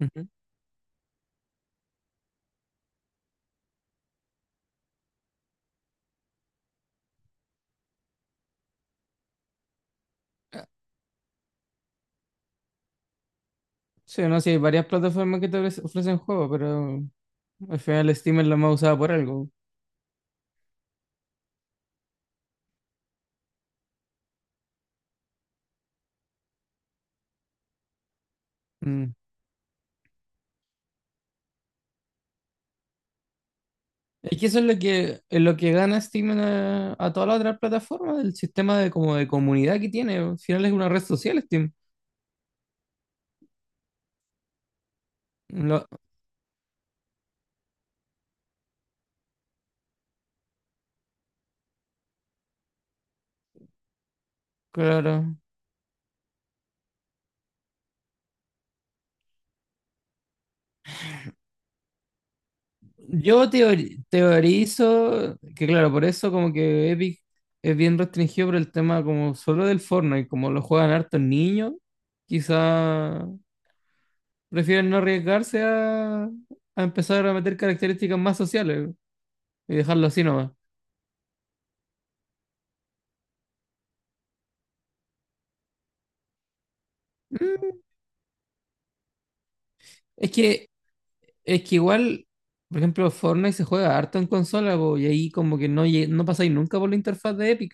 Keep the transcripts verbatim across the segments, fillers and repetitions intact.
Ujú. Sí, no, sí, hay varias plataformas que te ofrece- ofrecen juegos, pero al final Steam es la más usada por algo. Mm. Es que eso es lo que, es lo que gana Steam a, a todas las otras plataformas, el sistema de, como de comunidad que tiene. Al final es una red social Steam. Lo- claro. Yo teori- teorizo que, claro, por eso como que Epic es bien restringido por el tema como solo del Fortnite, como lo juegan hartos niños, quizá prefieren no arriesgarse a, a empezar a meter características más sociales y dejarlo así nomás. Mm, Es que, es que igual, por ejemplo, Fortnite se juega harto en consola, po, y ahí como que no, lle- no pasáis nunca por la interfaz de Epic.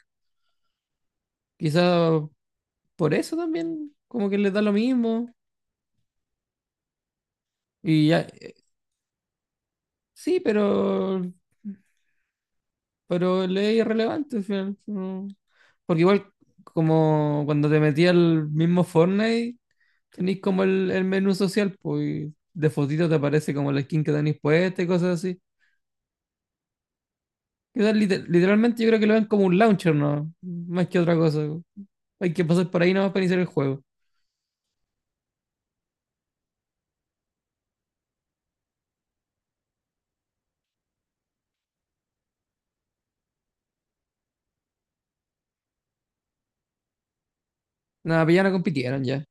Quizá por eso también, como que les da lo mismo. Y ya, eh, sí, pero, pero le es irrelevante al final, no. Porque igual, como cuando te metías al mismo Fortnite tenéis como el, el menú social, pues y de fotito te aparece como la skin que tenéis puesta y cosas así. Quizás lite- literalmente yo creo que lo ven como un launcher, ¿no? Más que otra cosa. Hay que pasar por ahí nomás para iniciar el juego. Nada, pues ya no compitieron ya.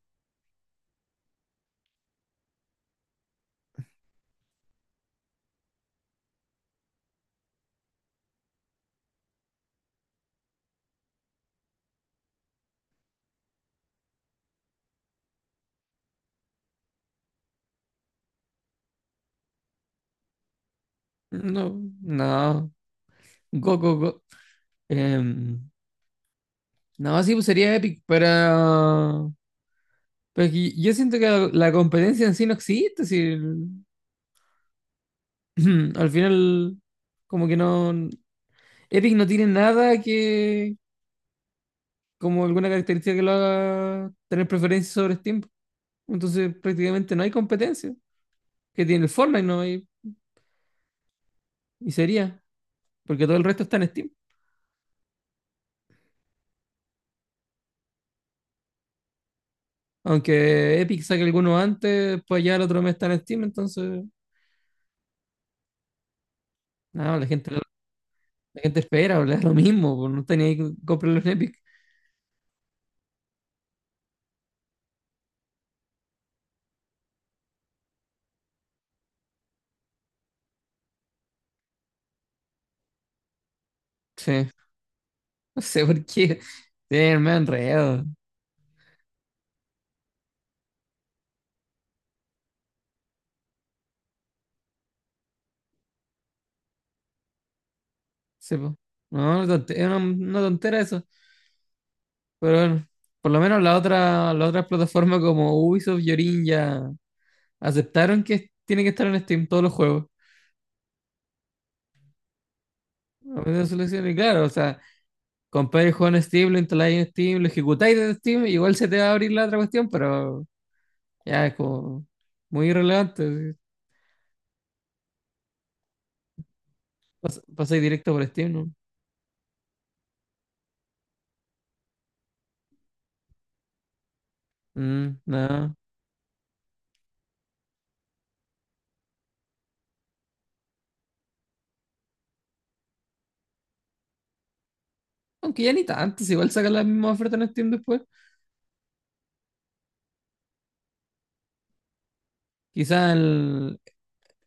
No, no. Go, go, go. Em, no, sí, pues sería Epic, pero... pero es que yo siento que la, la competencia en sí no existe. Si el- al final, como que no. Epic no tiene nada que, como alguna característica que lo haga tener preferencia sobre Steam. Entonces prácticamente no hay competencia que tiene el Fortnite, no hay, y sería, porque todo el resto está en Steam. Aunque Epic saque alguno antes, pues ya el otro mes está en Steam, entonces, no, la gente, la gente espera, o le da lo mismo, pues no tenía que comprarlo en Epic. Sí, no sé por qué. Sí, me enredo. Sí, po. No, una tonte- es una, una tontera eso. Pero bueno, por lo menos la otra, la otra plataforma como Ubisoft y Origin ya aceptaron que tiene que estar en Steam todos los juegos. A veces solución, y claro, o sea, compráis el juego en Steam, lo instaláis en Steam, lo ejecutáis en Steam, igual se te va a abrir la otra cuestión, pero ya es como muy irrelevante. Pas- pasáis directo por Steam, ¿no? Mm, no. Aunque ya ni tanto, si igual sacan las mismas ofertas en Steam después. Quizás en,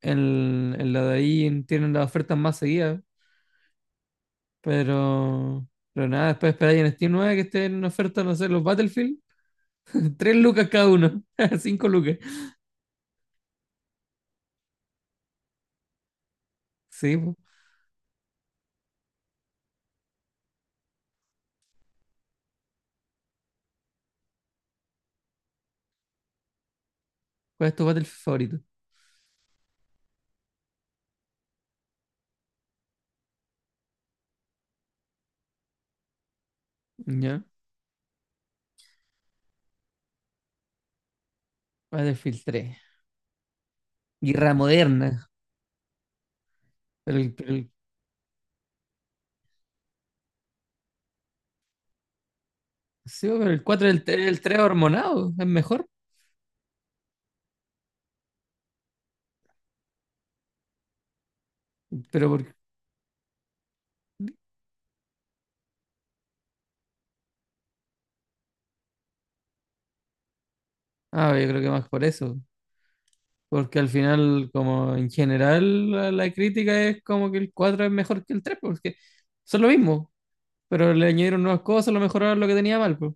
en- en la de ahí tienen las ofertas más seguidas, pero, pero nada, después esperáis en Steam nueve que esté en oferta, no sé, los Battlefield. Tres lucas cada uno, cinco lucas. Sí, po. ¿Cuál es tu Battlefield favorito? Ya, Battlefield tres. Guerra moderna. Pero el, pero el- sí, pero el cuatro el, tre- el tres hormonado es mejor. Pero por, ah, yo creo que más por eso. Porque al final, como en general, la, la crítica es como que el cuatro es mejor que el tres porque son lo mismo, pero le añadieron nuevas cosas, lo mejoraron lo que tenía mal, pues.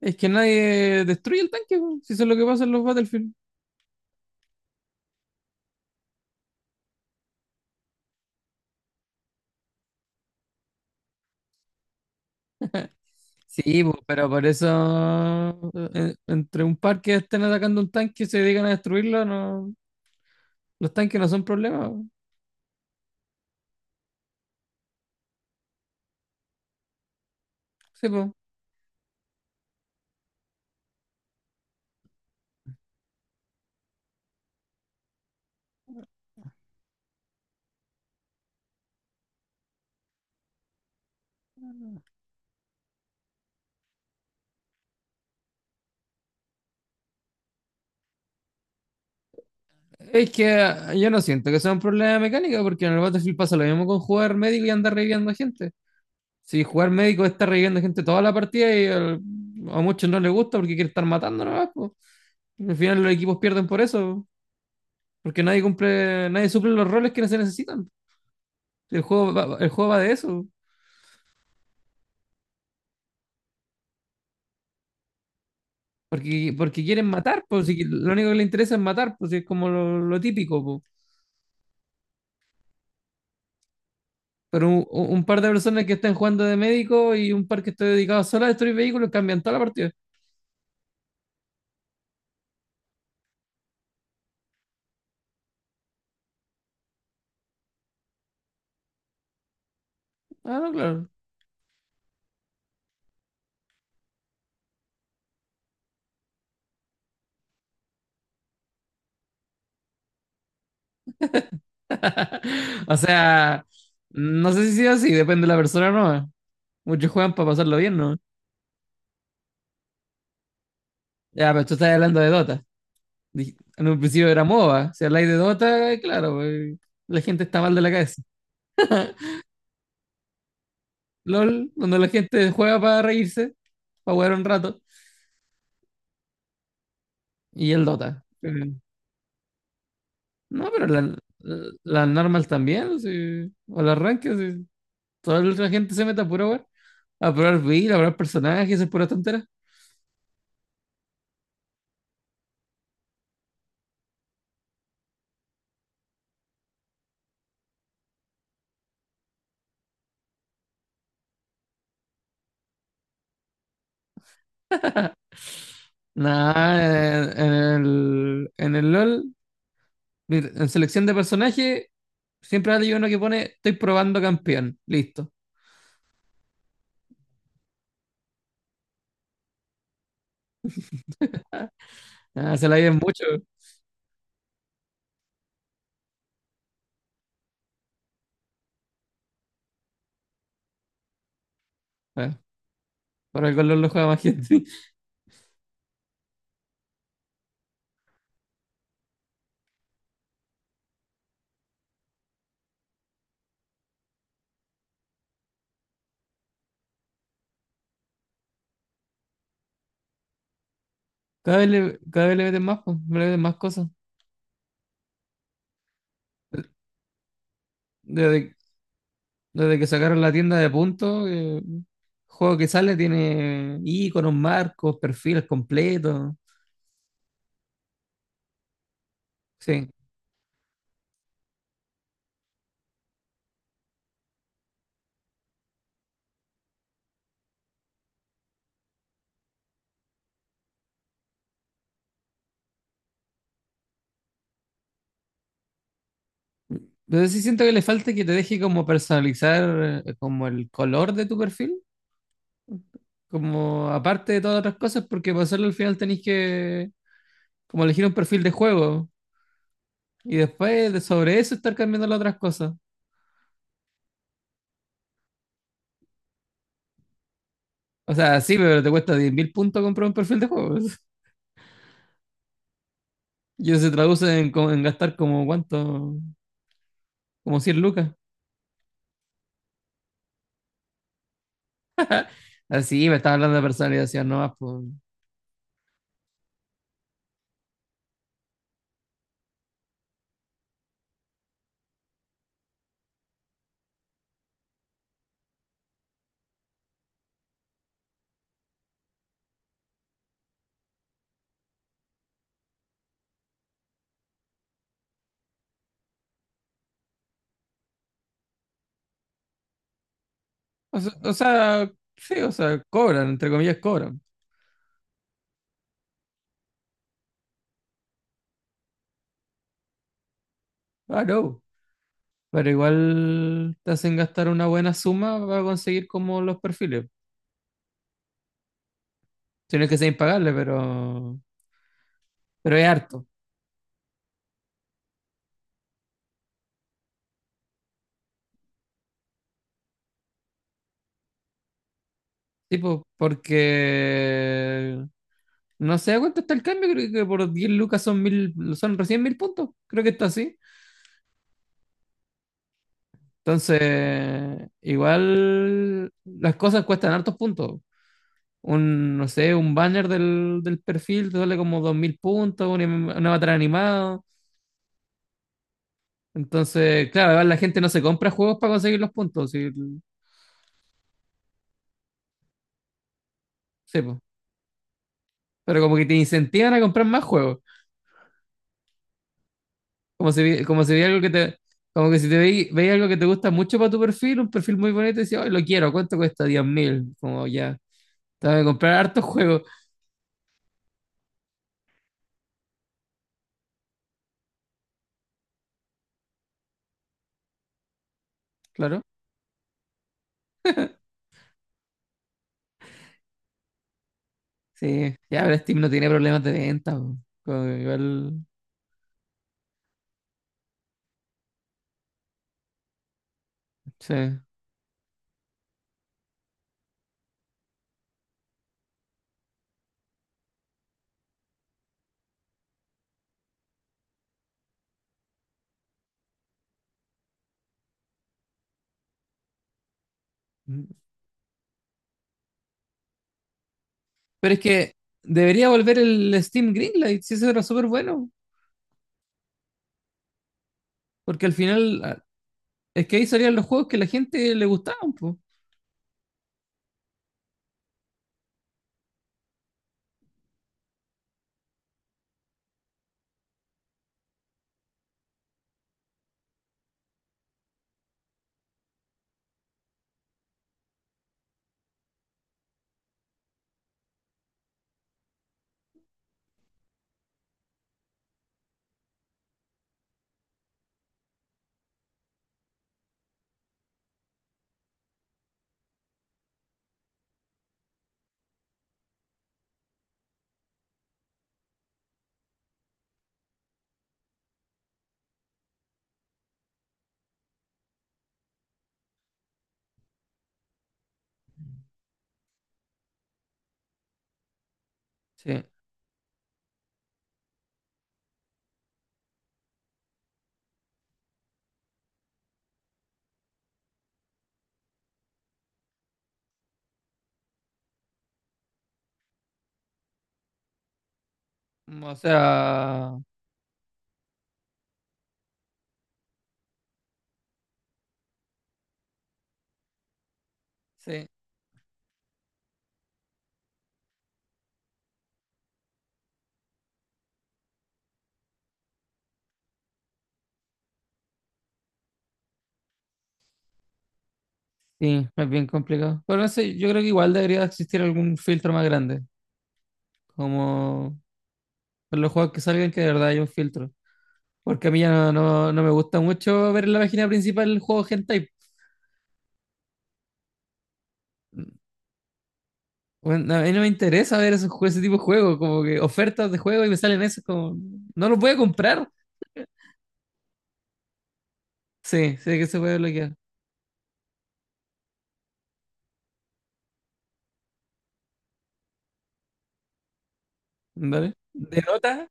Es que nadie destruye el tanque, po, si eso es lo que pasa en los Battlefield. Sí, po, pero por eso eh, entre un par que estén atacando un tanque y se dedican a destruirlo, no, los tanques no son problema, po. Sí, po. Es que ah, yo no siento que sea un problema de mecánica, porque en el Battlefield pasa lo mismo con jugar médico y andar reviviendo a gente. Si jugar médico está reviviendo gente toda la partida y al- a muchos no les gusta porque quiere estar matando nomás, po. Al final los equipos pierden por eso, po, porque nadie cumple, nadie suple los roles que se necesitan. El juego va- el juego va de eso. Porque, porque quieren matar, pues si lo único que les interesa es matar, pues es como lo, lo típico, po. Pero un, un par de personas que están jugando de médico y un par que está dedicado solo a destruir vehículos cambian toda la partida. Ah, no, claro. O sea, no sé si sea así, depende de la persona, ¿no? Muchos juegan para pasarlo bien, ¿no? Ya, pero tú estás hablando de Dota. Dij- En un principio era MOBA. Si habláis de Dota, claro, pues, la gente está mal de la cabeza. LOL, donde la gente juega para reírse, para jugar un rato, y el Dota. No, pero la- la- las normal también, sí. O las arranque, sí. Toda la gente se mete a pura weá. A probar build, a probar personajes, es pura tontera. Nada, en, el, en el LOL, mira, en selección de personaje, siempre hay uno que pone, estoy probando campeón. Listo. Ah, se la llevan mucho. Ah, por algo el LOL lo juega más gente. Cada vez le, cada vez le meten más, pues, le meten más cosas. Desde, desde que sacaron la tienda de puntos, eh, juego que sale tiene iconos, marcos, perfiles completos. Sí. Pero sí siento que le falta que te deje como personalizar eh, como el color de tu perfil, como aparte de todas otras cosas, porque para hacerlo al final tenés que como elegir un perfil de juego y después de sobre eso estar cambiando las otras cosas. O sea, sí, pero te cuesta diez mil puntos comprar un perfil de juego. Y eso se traduce en, co- en gastar como cuánto, como cien lucas. Así, me estaba hablando de personalización nomás. Pues. O sea, o sea, sí, o sea, cobran, entre comillas, cobran. Ah, no. Pero igual te hacen gastar una buena suma para conseguir como los perfiles. Si no que ser impagable, pero, pero es harto. Tipo, porque no sé a cuánto está el cambio, creo que por diez lucas son mil, son recién mil puntos. Creo que está así. Entonces, igual las cosas cuestan hartos puntos. Un, no sé, un banner del, del perfil te sale como dos mil puntos, un, im- un avatar animado. Entonces, claro, igual la gente no se compra juegos para conseguir los puntos, si. Sí, po. Pero como que te incentivan a comprar más juegos. Como si, vi- como si veía algo que te. Como que si te veí- veía algo que te gusta mucho para tu perfil, un perfil muy bonito, y decías, "Ay, lo quiero, ¿cuánto cuesta? Diez mil". Como ya, te voy a comprar hartos juegos, claro. Sí, ya, pero Steam no tiene problemas de venta, po. Como que igual, sí. Pero es que debería volver el Steam Greenlight, si eso era súper bueno, porque al final, ah, es que ahí salían los juegos que la gente le gustaban, pues. Sí, o sea, sí. Sí, es bien complicado. Pero no sé, yo creo que igual debería existir algún filtro más grande. Como en los juegos que salgan, que de verdad hay un filtro. Porque a mí ya no, no, no me gusta mucho ver en la página principal el juego hentai. Bueno, a mí no me interesa ver esos, jue- ese tipo de juegos, como que ofertas de juego y me salen esos como. No los voy a comprar. Sí, sé que se puede bloquear. ¿Vale? ¿De nota?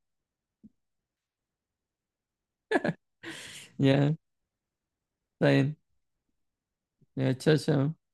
Ya, está bien. Ya, chao, chao.